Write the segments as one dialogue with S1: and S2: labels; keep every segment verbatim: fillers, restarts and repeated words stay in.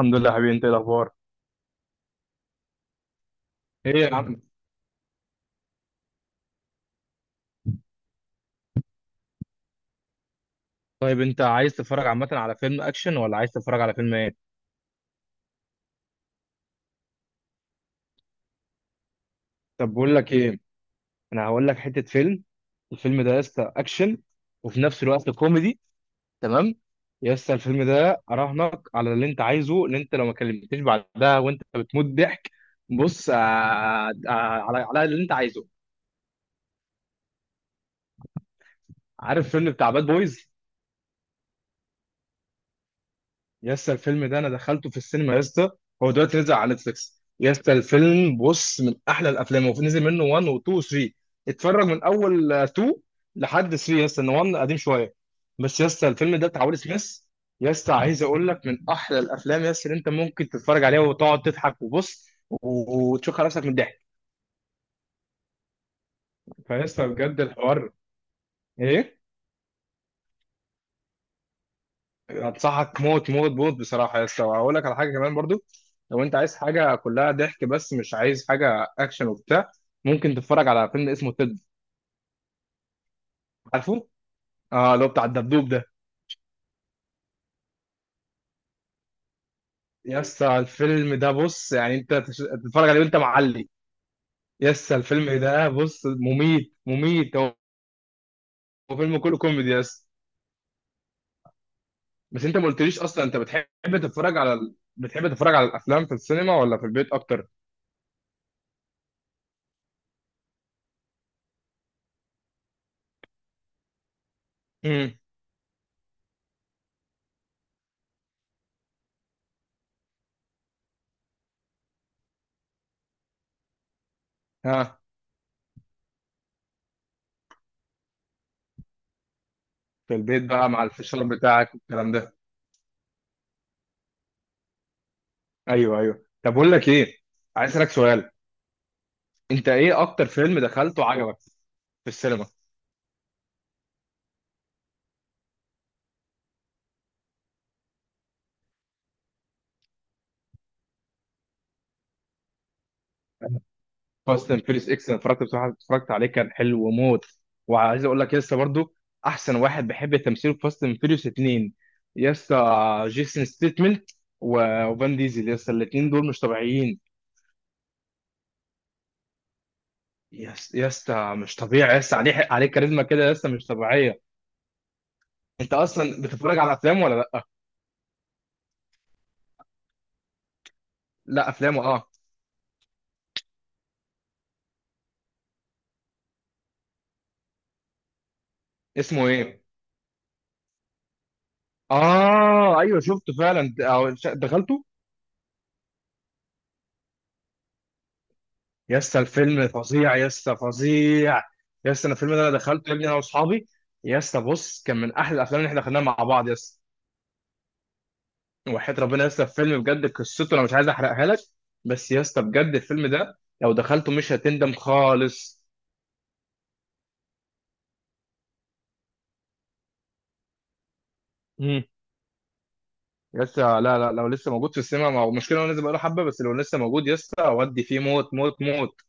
S1: الحمد لله حبيبي. انت ايه الاخبار؟ ايه يا الحمد عم. طيب انت عايز تتفرج عامه على فيلم اكشن ولا عايز تتفرج على فيلم ايه؟ طب بقول لك ايه، انا هقول لك حته فيلم. الفيلم ده يا اسطى اكشن وفي نفس الوقت كوميدي، تمام. يا اسطى الفيلم ده اراهنك على اللي انت عايزه ان انت لو ما كلمتنيش بعدها، وانت بتموت ضحك. بص آه، آه، على على اللي انت عايزه. عارف فيلم بتاع باد بويز؟ يا اسطى الفيلم ده انا دخلته في السينما يا اسطى. هو دلوقتي نزل على نتفليكس يا اسطى. الفيلم بص من احلى الافلام، وفي نزل منه الأول و اتنين و تلاتة. اتفرج من اول آه، اتنين لحد التالت يا اسطى، ان واحد قديم شويه. بس يا اسطى الفيلم ده بتاع ويل سميث. يا اسطى عايز اقول لك من احلى الافلام يا اسطى اللي انت ممكن تتفرج عليها وتقعد تضحك، وبص و- وتشوف نفسك من الضحك. فيا اسطى بجد الحوار ايه. هتصحك موت موت موت بصراحه يا اسطى، وهقول لك على حاجه كمان برضو. لو انت عايز حاجه كلها ضحك بس مش عايز حاجه اكشن وبتاع، ممكن تتفرج على فيلم اسمه تيد. عارفه، اه اللي هو بتاع الدبدوب ده. يا اسطى الفيلم ده بص، يعني انت تش- تتفرج عليه وانت معلي. يا اسطى الفيلم ده بص مميت مميت، هو هو فيلم كله كوميدي يا اسطى. بس انت ما قلتليش اصلا انت بتحب تتفرج على ال... بتحب تتفرج على الافلام في السينما ولا في البيت اكتر؟ امم. ها. في البيت بقى مع الفشار بتاعك والكلام ده. ايوه ايوه، طب بقول لك ايه، عايز اسالك سؤال: انت ايه اكتر فيلم دخلته عجبك في السينما؟ فاست اند فيريس اكس انا اتفرجت، بصراحه اتفرجت عليه كان حلو وموت. وعايز اقول لك لسه برضو احسن واحد بحب تمثيله في فاست اند فيريس اتنين، يسا جيسون ستيتمنت وفان ديزل. يسا الاتنين دول مش طبيعيين. يس يسا مش طبيعي، يسا عليه عليه كاريزما كده يسا مش طبيعيه. انت اصلا بتتفرج على افلام ولا لا؟ لا افلامه اه. اسمه ايه؟ اه ايوه شفته فعلا، أو- دخلته. يا اسطى الفيلم فظيع يا اسطى فظيع. يا اسطى انا الفيلم ده انا دخلته يا ابني انا واصحابي. يا اسطى بص كان من احلى الافلام اللي احنا دخلناها مع بعض يا اسطى. وحياة ربنا يا اسطى الفيلم بجد قصته انا مش عايز احرقها لك، بس يا اسطى بجد الفيلم ده لو دخلته مش هتندم خالص. امم. يا اسطى لا لا، لو لسه موجود في السينما، ما هو المشكله هو نازل بقاله حبه، بس لو لسه موجود يا اسطى اودي فيه موت موت موت.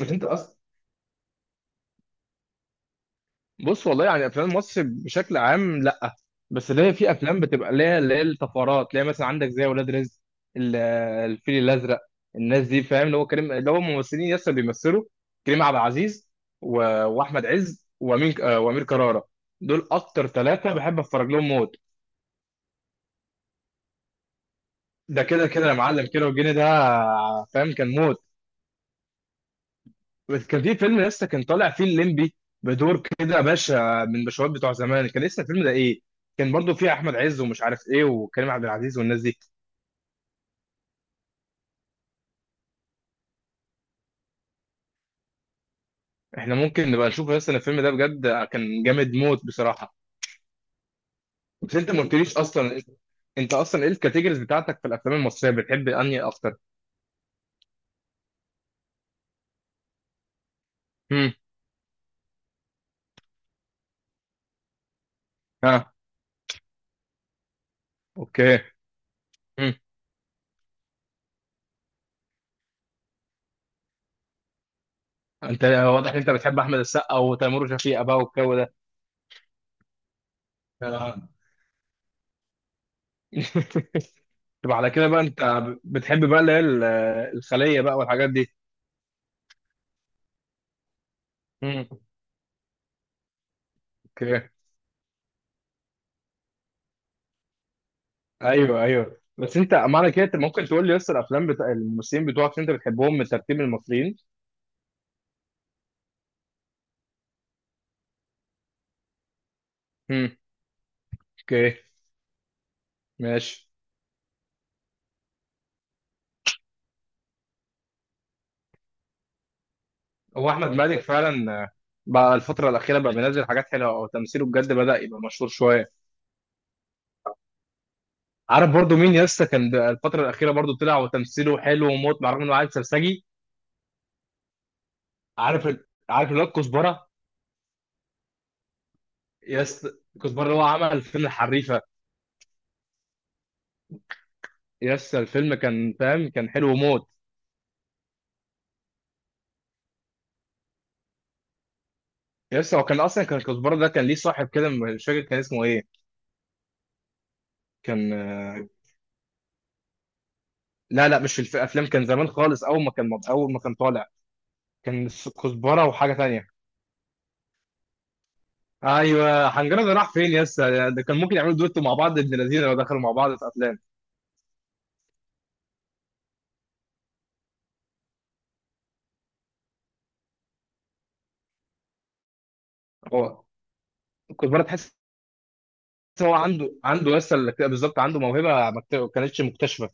S1: مش انت اصلا. بص والله يعني افلام مصر بشكل عام لا، بس اللي هي في افلام بتبقى ليها اللي هي الطفرات، اللي هي مثلا عندك زي ولاد رزق، ال- الفيل الازرق. الناس دي فاهم اللي هو كريم، اللي هو ممثلين لسه بيمثلوا: كريم عبد العزيز و... واحمد عز وامين آه، وامير كرارة. دول اكتر ثلاثه بحب اتفرج لهم موت. ده كده كده يا معلم، كده والجن ده فاهم كان موت. بس كان في فيلم لسه كان طالع فيه الليمبي، بدور كده باشا من باشوات بتوع زمان، كان اسم الفيلم ده ايه؟ كان برضو فيه احمد عز ومش عارف ايه، وكريم عبد العزيز والناس دي. احنا ممكن نبقى نشوف لسه الفيلم ده، بجد كان جامد موت بصراحه. بس انت ما قلتليش اصلا انت، أنت اصلا ايه الكاتيجوريز بتاعتك في الافلام المصريه، بتحب انهي اكتر؟ امم. ها. اوكي. امم. انت واضح ان انت بتحب احمد السقا وتيمور وشفيقة بقى والجو ده. آه. طب على كده بقى انت بتحب بقى اللي هي ال- الخليه بقى والحاجات دي. اوكي. ايوه ايوه بس انت معنى كده انت ممكن تقول لي لسه الافلام بتاع الممثلين بتوعك اللي انت بتحبهم من ترتيب المصريين. امم. اوكي. ماشي. هو احمد مالك فعلا آه، بقى الفتره الاخيره بقى بينزل حاجات حلوه، او تمثيله بجد بدا يبقى مشهور شويه. عارف برضو مين لسه كان ده الفتره الاخيره برضو طلع وتمثيله حلو وموت، مع رغم انه عيل سرسجي. عارف ال- عارف اللي هو الكزبره. يس. الكزبره اللي هو عمل فيلم الحريفه. يس الفيلم كان فاهم كان حلو موت. يس هو كان اصلا كان الكزبره ده كان ليه صاحب كده، مش فاكر كان اسمه ايه. كان آه، لا لا مش في الف- الافلام، كان زمان خالص، اول ما كان اول ما كان طالع كان الس- كزبره وحاجه تانية. ايوه حنجره، ده راح فين يا اسطى؟ ده كان ممكن يعملوا دويتو مع بعض ابن الذين لو دخلوا مع بعض في افلام. هو كزبره تحس إن هو عنده عنده يس، بالظبط عنده موهبه ما كت- كانتش مكتشفه.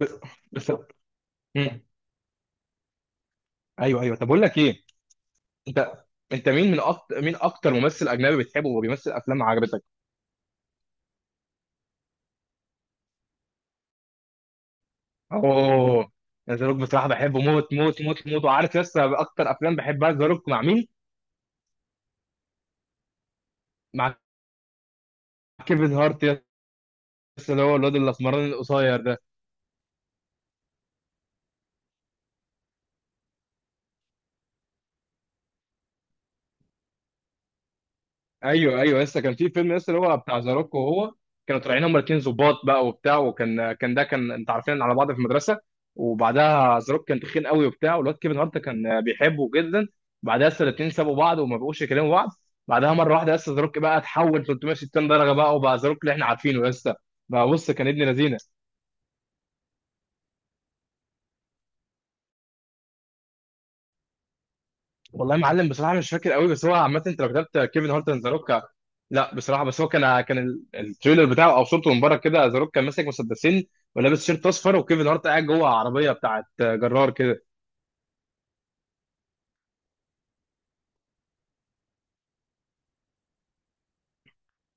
S1: ب- بس. مم. ايوه ايوه، طب اقول لك ايه، انت انت مين من اكتر مين اكتر ممثل اجنبي بتحبه وبيمثل افلام عجبتك؟ اوه. ذا روك بصراحه بحبه موت موت موت موت. وعارف يس اكتر افلام بحبها ذا روك مع مين؟ مع كيفن هارت. يس اللي هو الواد الاسمراني القصير ده. ايوه ايوه، لسه كان في فيلم لسه اللي هو بتاع زاروكو وهو، كانوا طالعين هما الاثنين ظباط بقى وبتاع، وكان كان ده كان انت عارفين على بعض في المدرسه، وبعدها زاروك كان تخين قوي وبتاع، والواد كيفن هارت كان بيحبه جدا. بعدها لسه الاثنين سابوا بعض وما بقوش يكلموا بعض. بعدها مره واحده لسه زاروك بقى اتحول ثلاثمائة وستين درجه بقى، وبقى زاروك اللي احنا عارفينه لسه بقى. بص كان ابن لذينه. والله يا معلم بصراحه مش فاكر قوي، بس هو عامه انت لو كتبت كيفن هارت اند ذا روك. لا بصراحه بس هو كان كان ال- التريلر بتاعه او صورته من بره كده ذا روك كان ماسك مسدسين ولابس شيرت اصفر، وكيفن هارت قاعد جوه عربيه بتاعت جرار كده.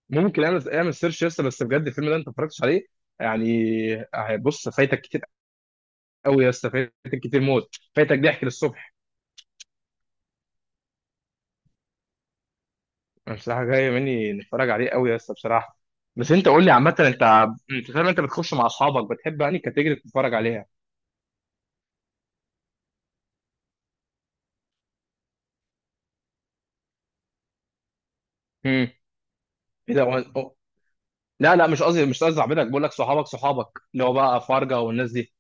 S1: ممكن اعمل اعمل سيرش يا اسطى، بس بجد الفيلم ده انت ما اتفرجتش عليه يعني. بص فايتك كتير قوي يا اسطى، فايتك كتير موت، فايتك ضحك للصبح. أنا بصراحه جاي مني نتفرج عليه قوي يا اسطى بصراحه. بس انت قول لي عامه انت، انت فاهم انت بتخش مع اصحابك، بتحب يعني كاتيجوري تتفرج عليها؟ امم. ايه ده؟ لا لا مش قصدي مش قصدي صاحبتك بقول لك صحابك صحابك اللي هو بقى فرجة والناس دي.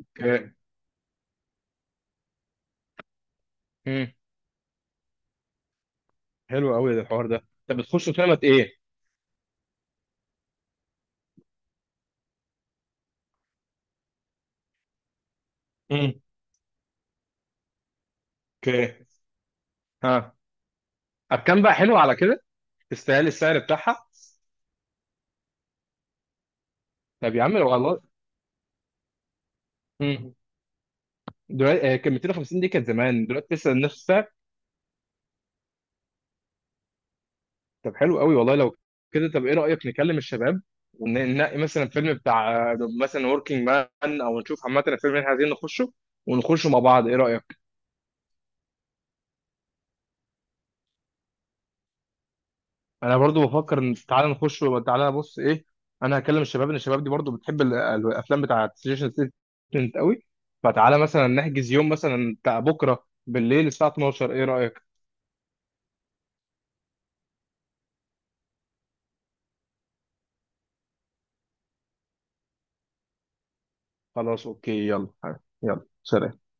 S1: اوكي. امم. حلو قوي ده الحوار ده، طب بتخش قمة ايه؟ امم. اوكي. ها. اركان بقى حلو، على كده تستاهل السعر بتاعها. طب يا عم لو والله. امم. دلوقتي آه، كان ميتين وخمسين دي كانت زمان، دلوقتي لسه نفس السعر؟ طب حلو قوي والله. لو كده طب ايه رأيك نكلم الشباب وننقي مثلا فيلم بتاع آه، مثلا وركينج مان، او نشوف عامة الفيلم اللي احنا عايزين نخشه، ونخشه مع بعض، ايه رأيك؟ انا برضو بفكر ان تعالى نخش و- تعالى بص ايه، انا هكلم الشباب ان الشباب دي برضو بتحب ال- الافلام بتاعه سجيشن ستودنت قوي. فتعالى مثلا نحجز يوم مثلا بتاع بكره بالليل الساعه اتناشر، ايه رايك؟ خلاص اوكي يلا. يلا سلام.